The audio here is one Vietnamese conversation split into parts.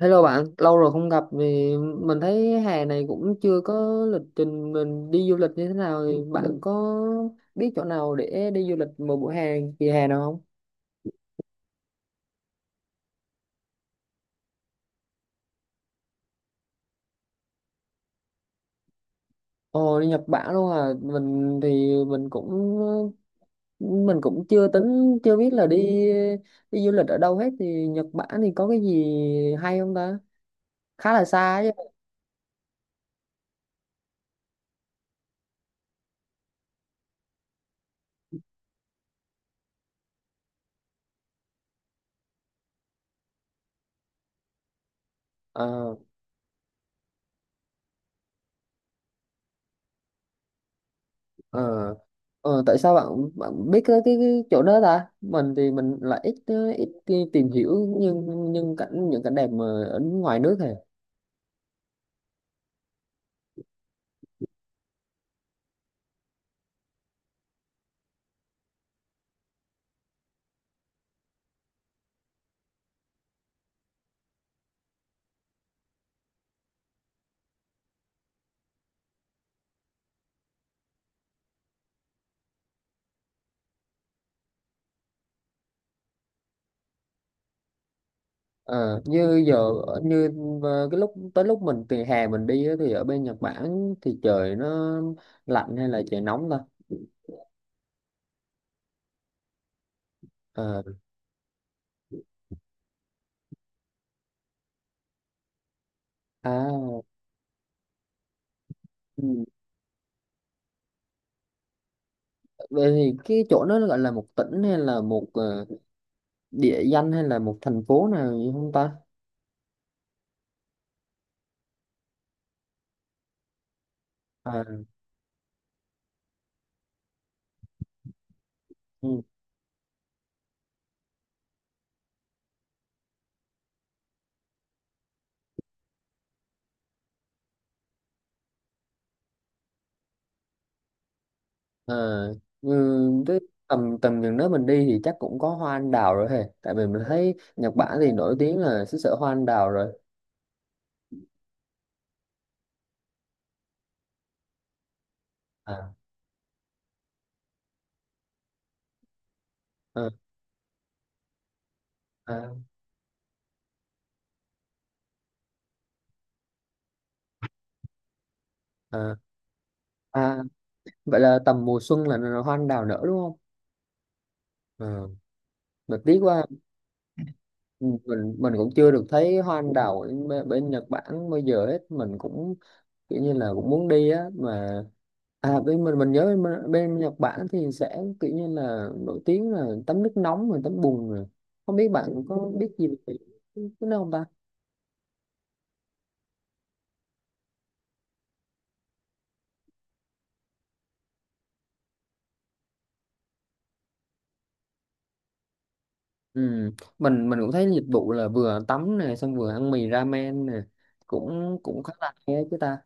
Hello bạn, lâu rồi không gặp thì mình thấy hè này cũng chưa có lịch trình mình đi du lịch như thế nào thì bạn có biết chỗ nào để đi du lịch một buổi hè kỳ hè nào không? Ồ, đi Nhật Bản luôn à, mình cũng mình cũng chưa biết là đi đi du lịch ở đâu hết thì Nhật Bản thì có cái gì hay không ta? Khá là xa chứ. Ờ Ờ, Tại sao bạn bạn biết cái chỗ đó ta? Mình thì mình lại ít đi tìm hiểu nhưng những cảnh đẹp mà ở ngoài nước này. Ờ, Như giờ ở- như cái lúc tới lúc mình từ hè mình đi á, thì ở bên Nhật Bản thì trời nó lạnh hay là trời nóng ta? Ờ, à, ừ. Vậy thì cái chỗ đó gọi là một tỉnh hay là một địa danh hay là một thành phố nào gì không ta? À, ừ. Ờ, ừ, Thế tầm tầm chừng đó mình đi thì chắc cũng có hoa anh đào rồi hề, tại vì mình thấy Nhật Bản thì nổi tiếng là xứ sở hoa anh đào rồi. À, à, à, à, à. Vậy là tầm mùa xuân là hoa anh đào nở đúng không? Ờ, mà tiếc quá, mình cũng chưa được thấy hoa anh đào ở bên Nhật Bản bây giờ hết, mình cũng kiểu như là cũng muốn đi á mà. À, bên mình nhớ bên Nhật Bản thì sẽ kiểu như là nổi tiếng là tắm nước nóng rồi tắm bùn rồi, không biết bạn có biết gì về cái đó không ta? Ừ. mình cũng thấy dịch vụ là vừa tắm nè, xong vừa ăn mì ramen nè, cũng cũng khá là hay á chứ ta?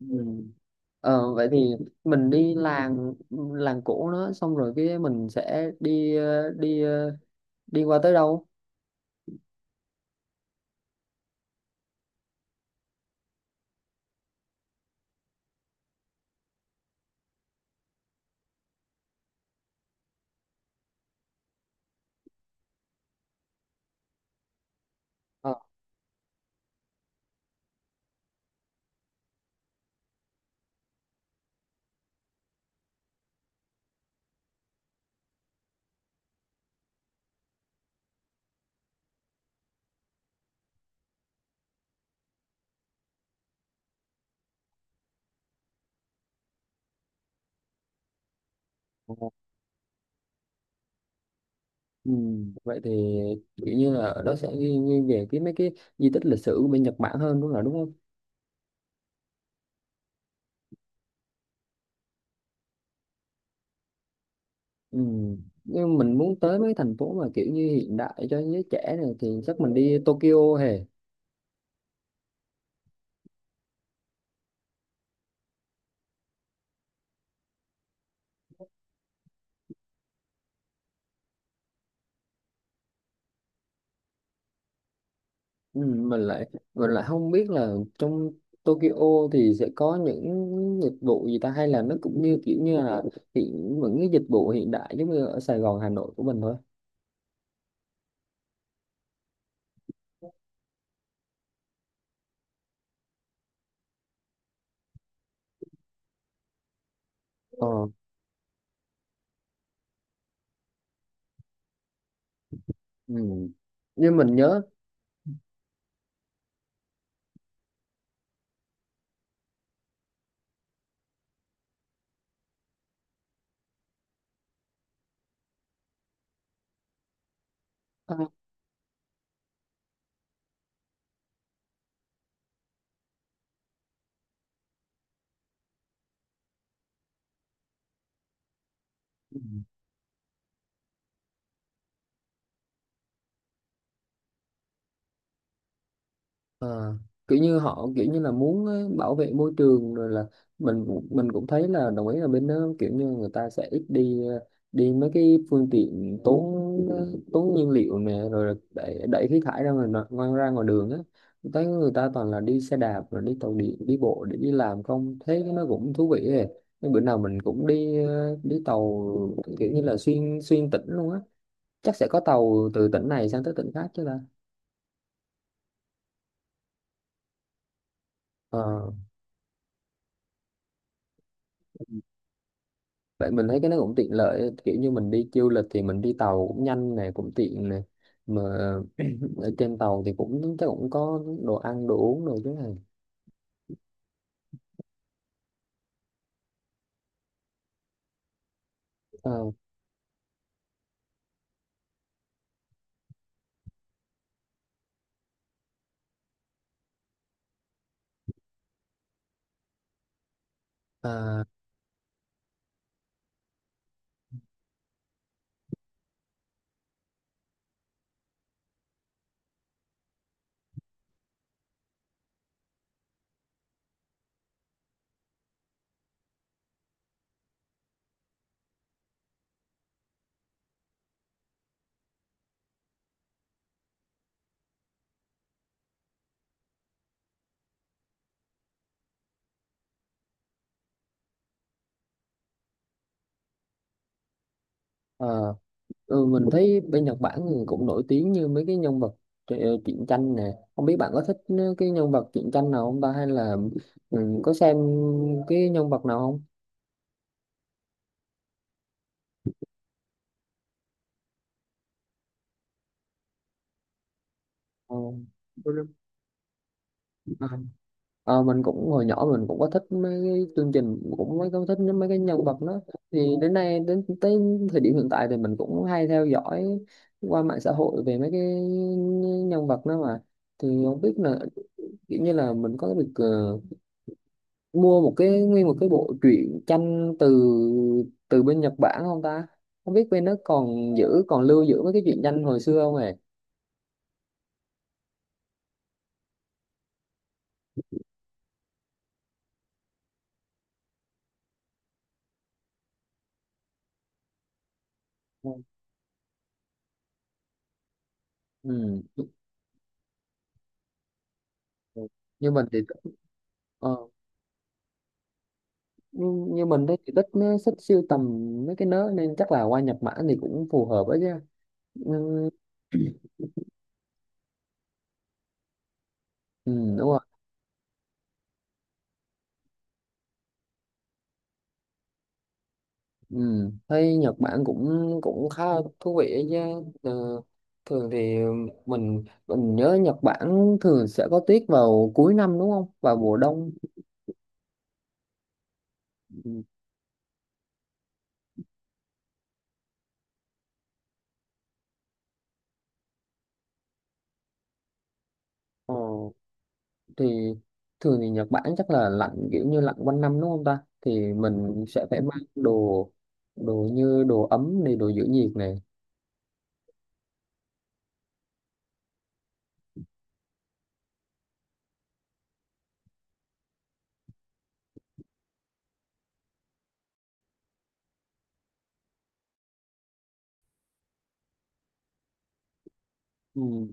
Ừ. Vậy thì mình đi làng làng cổ nó xong rồi cái mình sẽ đi qua tới đâu? Ờ. Ừ. Vậy thì kiểu như là ở đó sẽ ghi về mấy cái di tích lịch sử của bên Nhật Bản hơn đúng, là đúng không? Ừ. Nhưng mình muốn tới mấy thành phố mà kiểu như hiện đại cho giới trẻ này thì chắc mình đi Tokyo hề. Ừ. Mình lại không biết là trong Tokyo thì sẽ có những dịch vụ gì ta, hay là nó cũng như kiểu như là những cái dịch vụ hiện đại giống như ở Sài Gòn Hà Nội của mình thôi. Ờ. Ừ. Nhưng mình nhớ à. À, kiểu như họ, kiểu như là muốn bảo vệ môi trường rồi là mình cũng thấy là đồng ý là bên đó kiểu như người ta sẽ ít đi đi mấy cái phương tiện ờ, tốn nhiên liệu nè rồi là đẩy khí thải ra ngoài nọ- ngoài ra ngoài đường á. Tôi thấy người ta toàn là đi xe đạp rồi đi tàu điện đi bộ để đi làm không, thế nó cũng thú vị ấy. Nhưng bữa nào mình cũng đi tàu kiểu như là xuyên xuyên tỉnh luôn á, chắc sẽ có tàu từ tỉnh này sang tới tỉnh khác chứ ta? Ờ. Vậy mình thấy cái nó cũng tiện lợi, kiểu như mình đi du lịch thì mình đi tàu cũng nhanh này cũng tiện này, mà ở trên tàu thì cũng chắc cũng có đồ ăn đồ uống rồi chứ này? À, à, à, ừ, mình thấy bên Nhật Bản thì cũng nổi tiếng như mấy cái nhân vật truyện tranh nè, không biết bạn có thích cái nhân vật truyện tranh nào không ta, hay là ừ, có xem cái nhân vật nào không? Tôi Ờ, mình cũng hồi nhỏ mình cũng có thích mấy cái chương trình, cũng có thích mấy cái nhân vật đó, thì đến tới thời điểm hiện tại thì mình cũng hay theo dõi qua mạng xã hội về mấy cái nhân vật đó mà, thì không biết là kiểu như là mình có được mua một cái nguyên một cái bộ truyện tranh từ từ bên Nhật Bản không ta, không biết bên nó còn giữ còn lưu giữ mấy cái truyện tranh hồi xưa không hề? Ừ. Nhưng mình thì ờ, Ừ, nhưng như mình thấy thì thích, nó thích siêu tầm mấy cái nớ nên chắc là qua Nhật Bản thì cũng phù hợp ấy chứ. Ừ, ừ, đúng rồi. Ừ. Thấy Nhật Bản cũng cũng khá là thú vị ấy chứ. Ờ, Thường thì mình nhớ Nhật Bản thường sẽ có tuyết vào cuối năm đúng không, vào mùa đông? Ừ. ờ, thì thường thì Nhật Bản chắc là lạnh, kiểu như lạnh quanh năm đúng không ta, thì mình sẽ phải mang đồ đồ như đồ ấm này, đồ giữ nhiệt này. Ừ.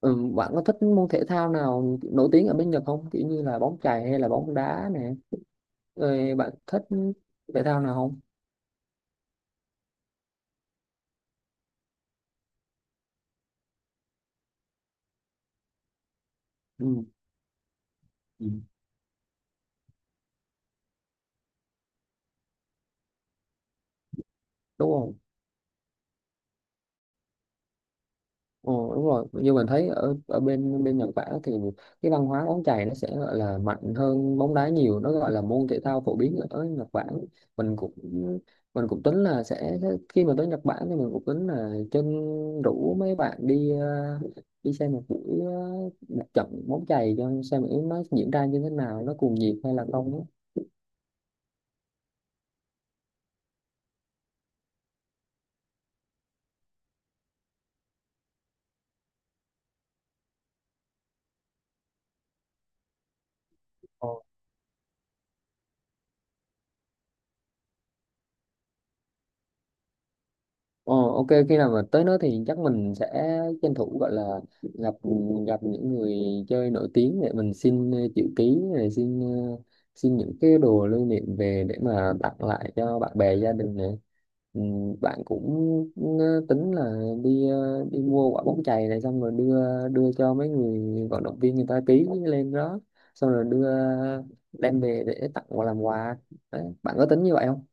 Ừ, bạn có thích môn thể thao nào nổi tiếng ở bên Nhật không? Kiểu như là bóng chày hay là bóng đá nè. Rồi bạn thích thể thao nào không? Ừ, ừ. Đúng Ờ, đúng rồi, như mình thấy ở ở bên bên Nhật Bản thì cái văn hóa bóng chày nó sẽ gọi là mạnh hơn bóng đá nhiều, nó gọi là môn thể thao phổ biến ở Nhật Bản, mình cũng mình cũng tính là sẽ khi mà tới Nhật Bản thì mình cũng tính là chân rủ mấy bạn đi xem một trận bóng chày cho xem nó diễn ra như thế nào, nó cuồng nhiệt hay là không. Á. Ờ, ok, khi nào mà tới đó thì chắc mình sẽ tranh thủ, gọi là gặp gặp những người chơi nổi tiếng để mình xin chữ ký này, xin xin những cái đồ lưu niệm về để mà tặng lại cho bạn bè gia đình này, ừ, bạn cũng tính là đi mua quả bóng chày này xong rồi đưa đưa cho mấy người vận động viên, người ta ký lên đó, xong rồi đưa đem về để tặng và làm quà. Đấy, bạn có tính như vậy không?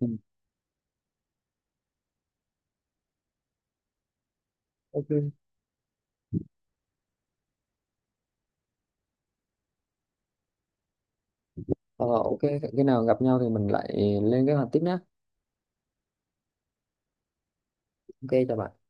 Ừ. Ok. Ờ, ok, khi nào gặp nhau thì mình lại lên kế hoạch tiếp nhé. Ok, chào bạn.